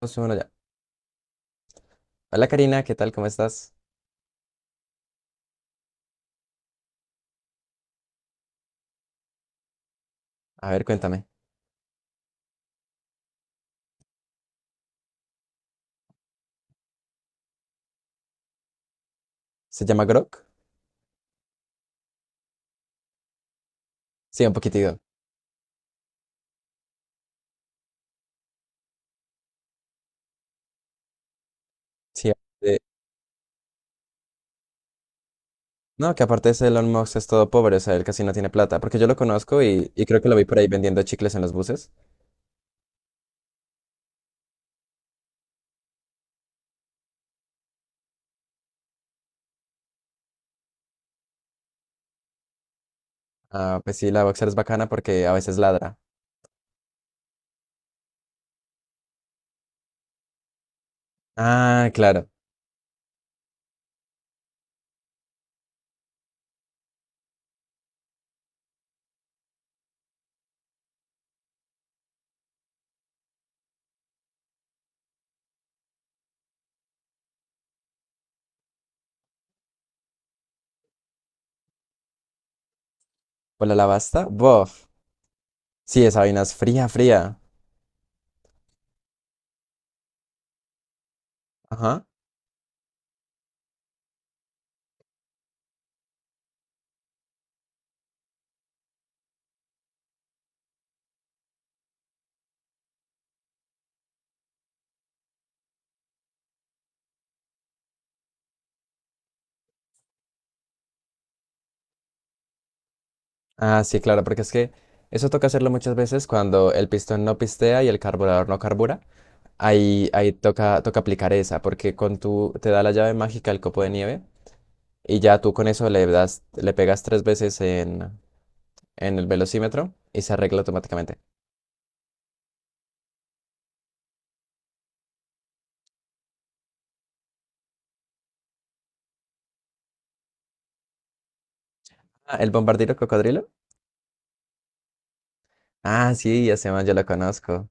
Más o ya. Hola Karina, ¿qué tal? ¿Cómo estás? A ver, cuéntame. ¿Se llama Grok? Sí, un poquitito. Sí, eh, no, que aparte ese Elon Musk es todo pobre, o sea, él casi no tiene plata, porque yo lo conozco y creo que lo vi por ahí vendiendo chicles en los buses. Ah, pues sí, la Boxer es bacana porque a veces ladra. Ah, claro. ¿Por la lavasta? Bof. Sí, esa vaina es fría, fría. Ajá. Ah, sí, claro, porque es que eso toca hacerlo muchas veces cuando el pistón no pistea y el carburador no carbura. Ahí, ahí toca, toca aplicar esa, porque con tu, te da la llave mágica el copo de nieve y ya tú con eso le das, le pegas tres veces en el velocímetro y se arregla automáticamente. Ah, ¿el bombardero cocodrilo? Ah, sí, ya se yo lo conozco.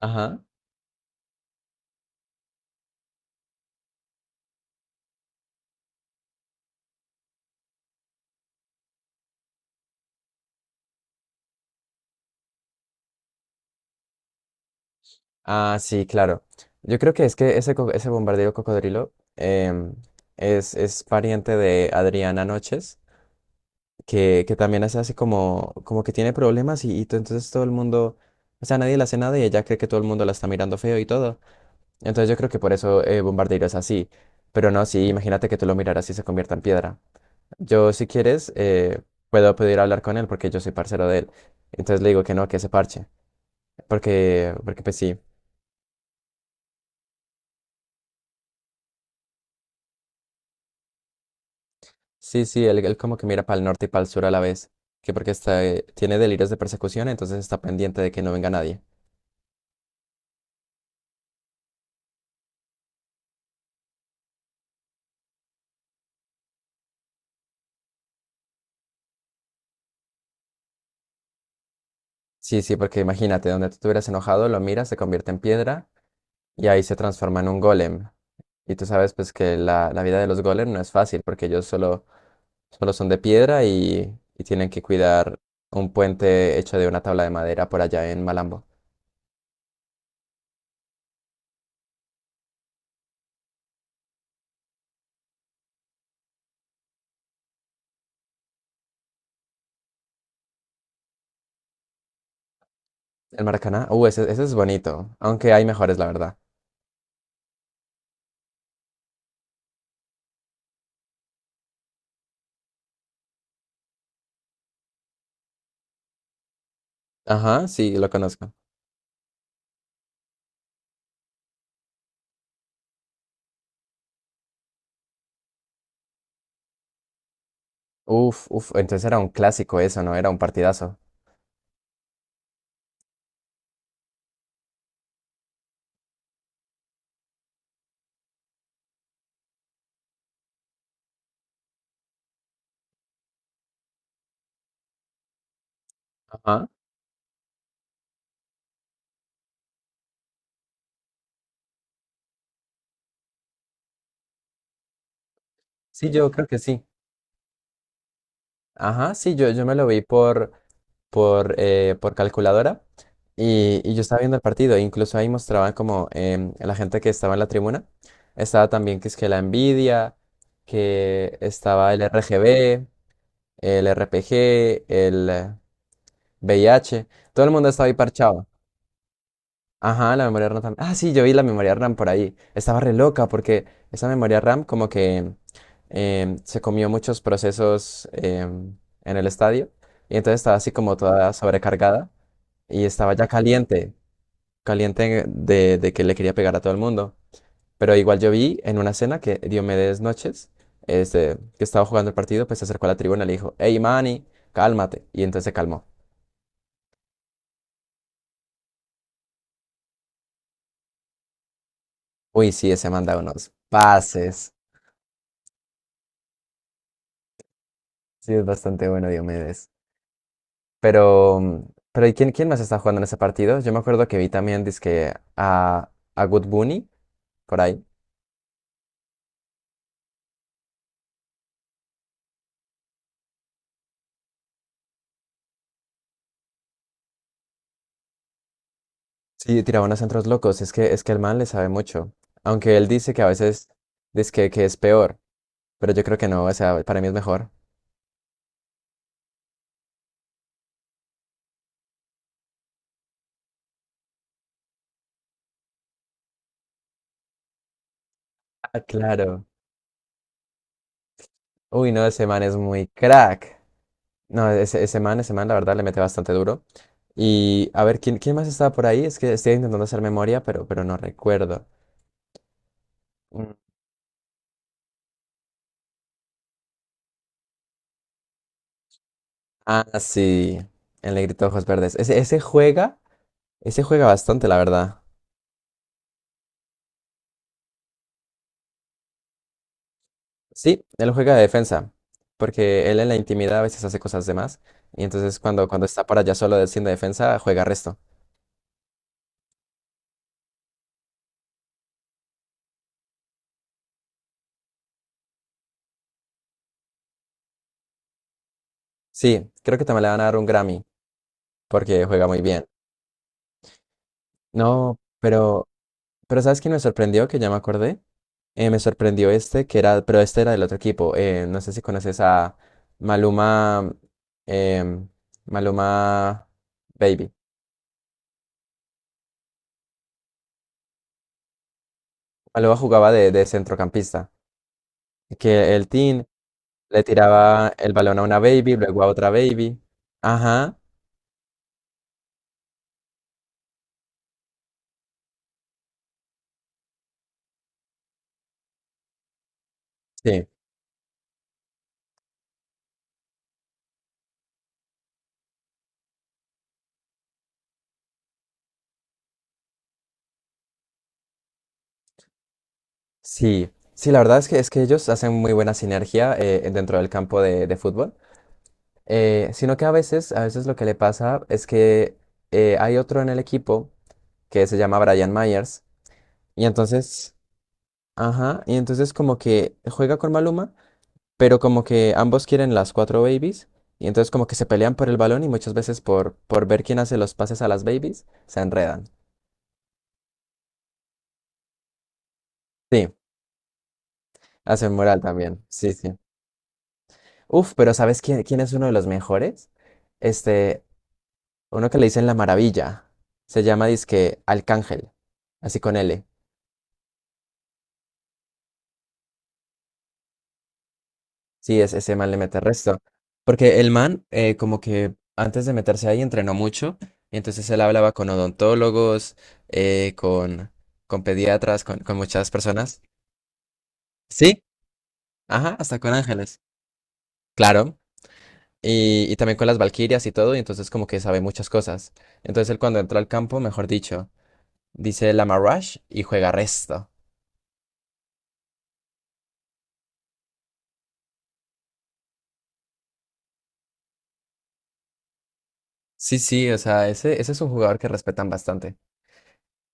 Ajá. Ah, sí, claro. Yo creo que es que ese, ese bombardero cocodrilo es pariente de Adriana Noches. Que también se hace como, como que tiene problemas y entonces todo el mundo, o sea, nadie la hace nada y ella cree que todo el mundo la está mirando feo y todo. Entonces yo creo que por eso Bombardeiro es así. Pero no, sí, imagínate que tú lo miraras y se convierta en piedra. Yo, si quieres, puedo pedir hablar con él porque yo soy parcero de él. Entonces le digo que no, que se parche. Porque, porque pues sí. Sí, sí, él como que mira para el norte y para el sur a la vez. Que porque está, tiene delirios de persecución, entonces está pendiente de que no venga nadie. Sí, sí, porque imagínate, donde tú te hubieras enojado, lo miras, se convierte en piedra y ahí se transforma en un golem. Y tú sabes pues que la vida de los golems no es fácil porque ellos solo, solo son de piedra y tienen que cuidar un puente hecho de una tabla de madera por allá en Malambo. El Maracaná, ese, ese es bonito, aunque hay mejores, la verdad. Ajá, sí, lo conozco. Uf, uf, entonces era un clásico eso, ¿no? Era un partidazo. Ajá, sí, yo creo que sí. Ajá, sí, yo me lo vi por calculadora y yo estaba viendo el partido. E incluso ahí mostraban como la gente que estaba en la tribuna. Estaba también que es que la Nvidia, que estaba el RGB, el RPG, el VIH. Todo el mundo estaba ahí parchado. Ajá, la memoria RAM también. Ah, sí, yo vi la memoria RAM por ahí. Estaba re loca porque esa memoria RAM como que se comió muchos procesos en el estadio. Y entonces estaba así como toda sobrecargada y estaba ya caliente, caliente de que le quería pegar a todo el mundo. Pero igual yo vi en una escena que Diomedes Noches, este, que estaba jugando el partido, pues se acercó a la tribuna y le dijo, hey Manny, cálmate. Y entonces se calmó. Uy, sí, ese manda unos pases. Sí, es bastante bueno Diomedes. Pero, pero ¿y quién, quién más está jugando en ese partido? Yo me acuerdo que vi también, dizque a Good Bunny, por ahí. Sí, tiraba unos centros locos. Es que el man le sabe mucho. Aunque él dice que a veces, dizque que es peor. Pero yo creo que no, o sea, para mí es mejor. Ah, claro. Uy, no, ese man es muy crack. No, ese, ese man, la verdad, le mete bastante duro. Y a ver, ¿quién, quién más estaba por ahí? Es que estoy intentando hacer memoria, pero no recuerdo. Mm. Ah, sí, el negrito de ojos verdes. Ese, ese juega bastante, la verdad. Sí, él juega de defensa, porque él en la intimidad a veces hace cosas de más. Y entonces cuando, cuando está por allá solo haciendo defensa, juega resto. Sí, creo que también le van a dar un Grammy, porque juega muy bien. No, pero ¿sabes quién me sorprendió? Que ya me acordé. Me sorprendió este, que era, pero este era del otro equipo. No sé si conoces a Maluma, em, Maluma Baby. Maluma jugaba de centrocampista. Que el team le tiraba el balón a una baby, luego a otra baby. Ajá, sí, sí. Sí, la verdad es que ellos hacen muy buena sinergia dentro del campo de fútbol. Sino que a veces lo que le pasa es que hay otro en el equipo que se llama Brian Myers. Y entonces, ajá, y entonces como que juega con Maluma, pero como que ambos quieren las cuatro babies. Y entonces como que se pelean por el balón y muchas veces por ver quién hace los pases a las babies, se enredan. Sí, hacen moral también. Sí, sí. Uf, pero ¿sabes quién, quién es uno de los mejores? Este, uno que le dicen La Maravilla. Se llama dizque Alcángel, así con L. Sí, es, ese man le mete resto. Porque el man, como que antes de meterse ahí, entrenó mucho. Y entonces él hablaba con odontólogos, eh, con, con pediatras, con muchas personas. Sí, ajá, hasta con ángeles. Claro. Y también con las valquirias y todo. Y entonces, como que sabe muchas cosas. Entonces, él cuando entró al campo, mejor dicho, dice la Marash y juega resto. Sí, sí, o sea, ese es un jugador que respetan bastante.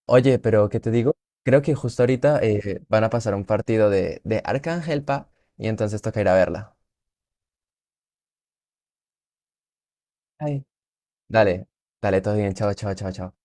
Oye, pero ¿qué te digo? Creo que justo ahorita van a pasar un partido de Arcángel Pa y entonces toca ir a verla. Ay, dale, dale, todo bien, chao, chao, chao, chao.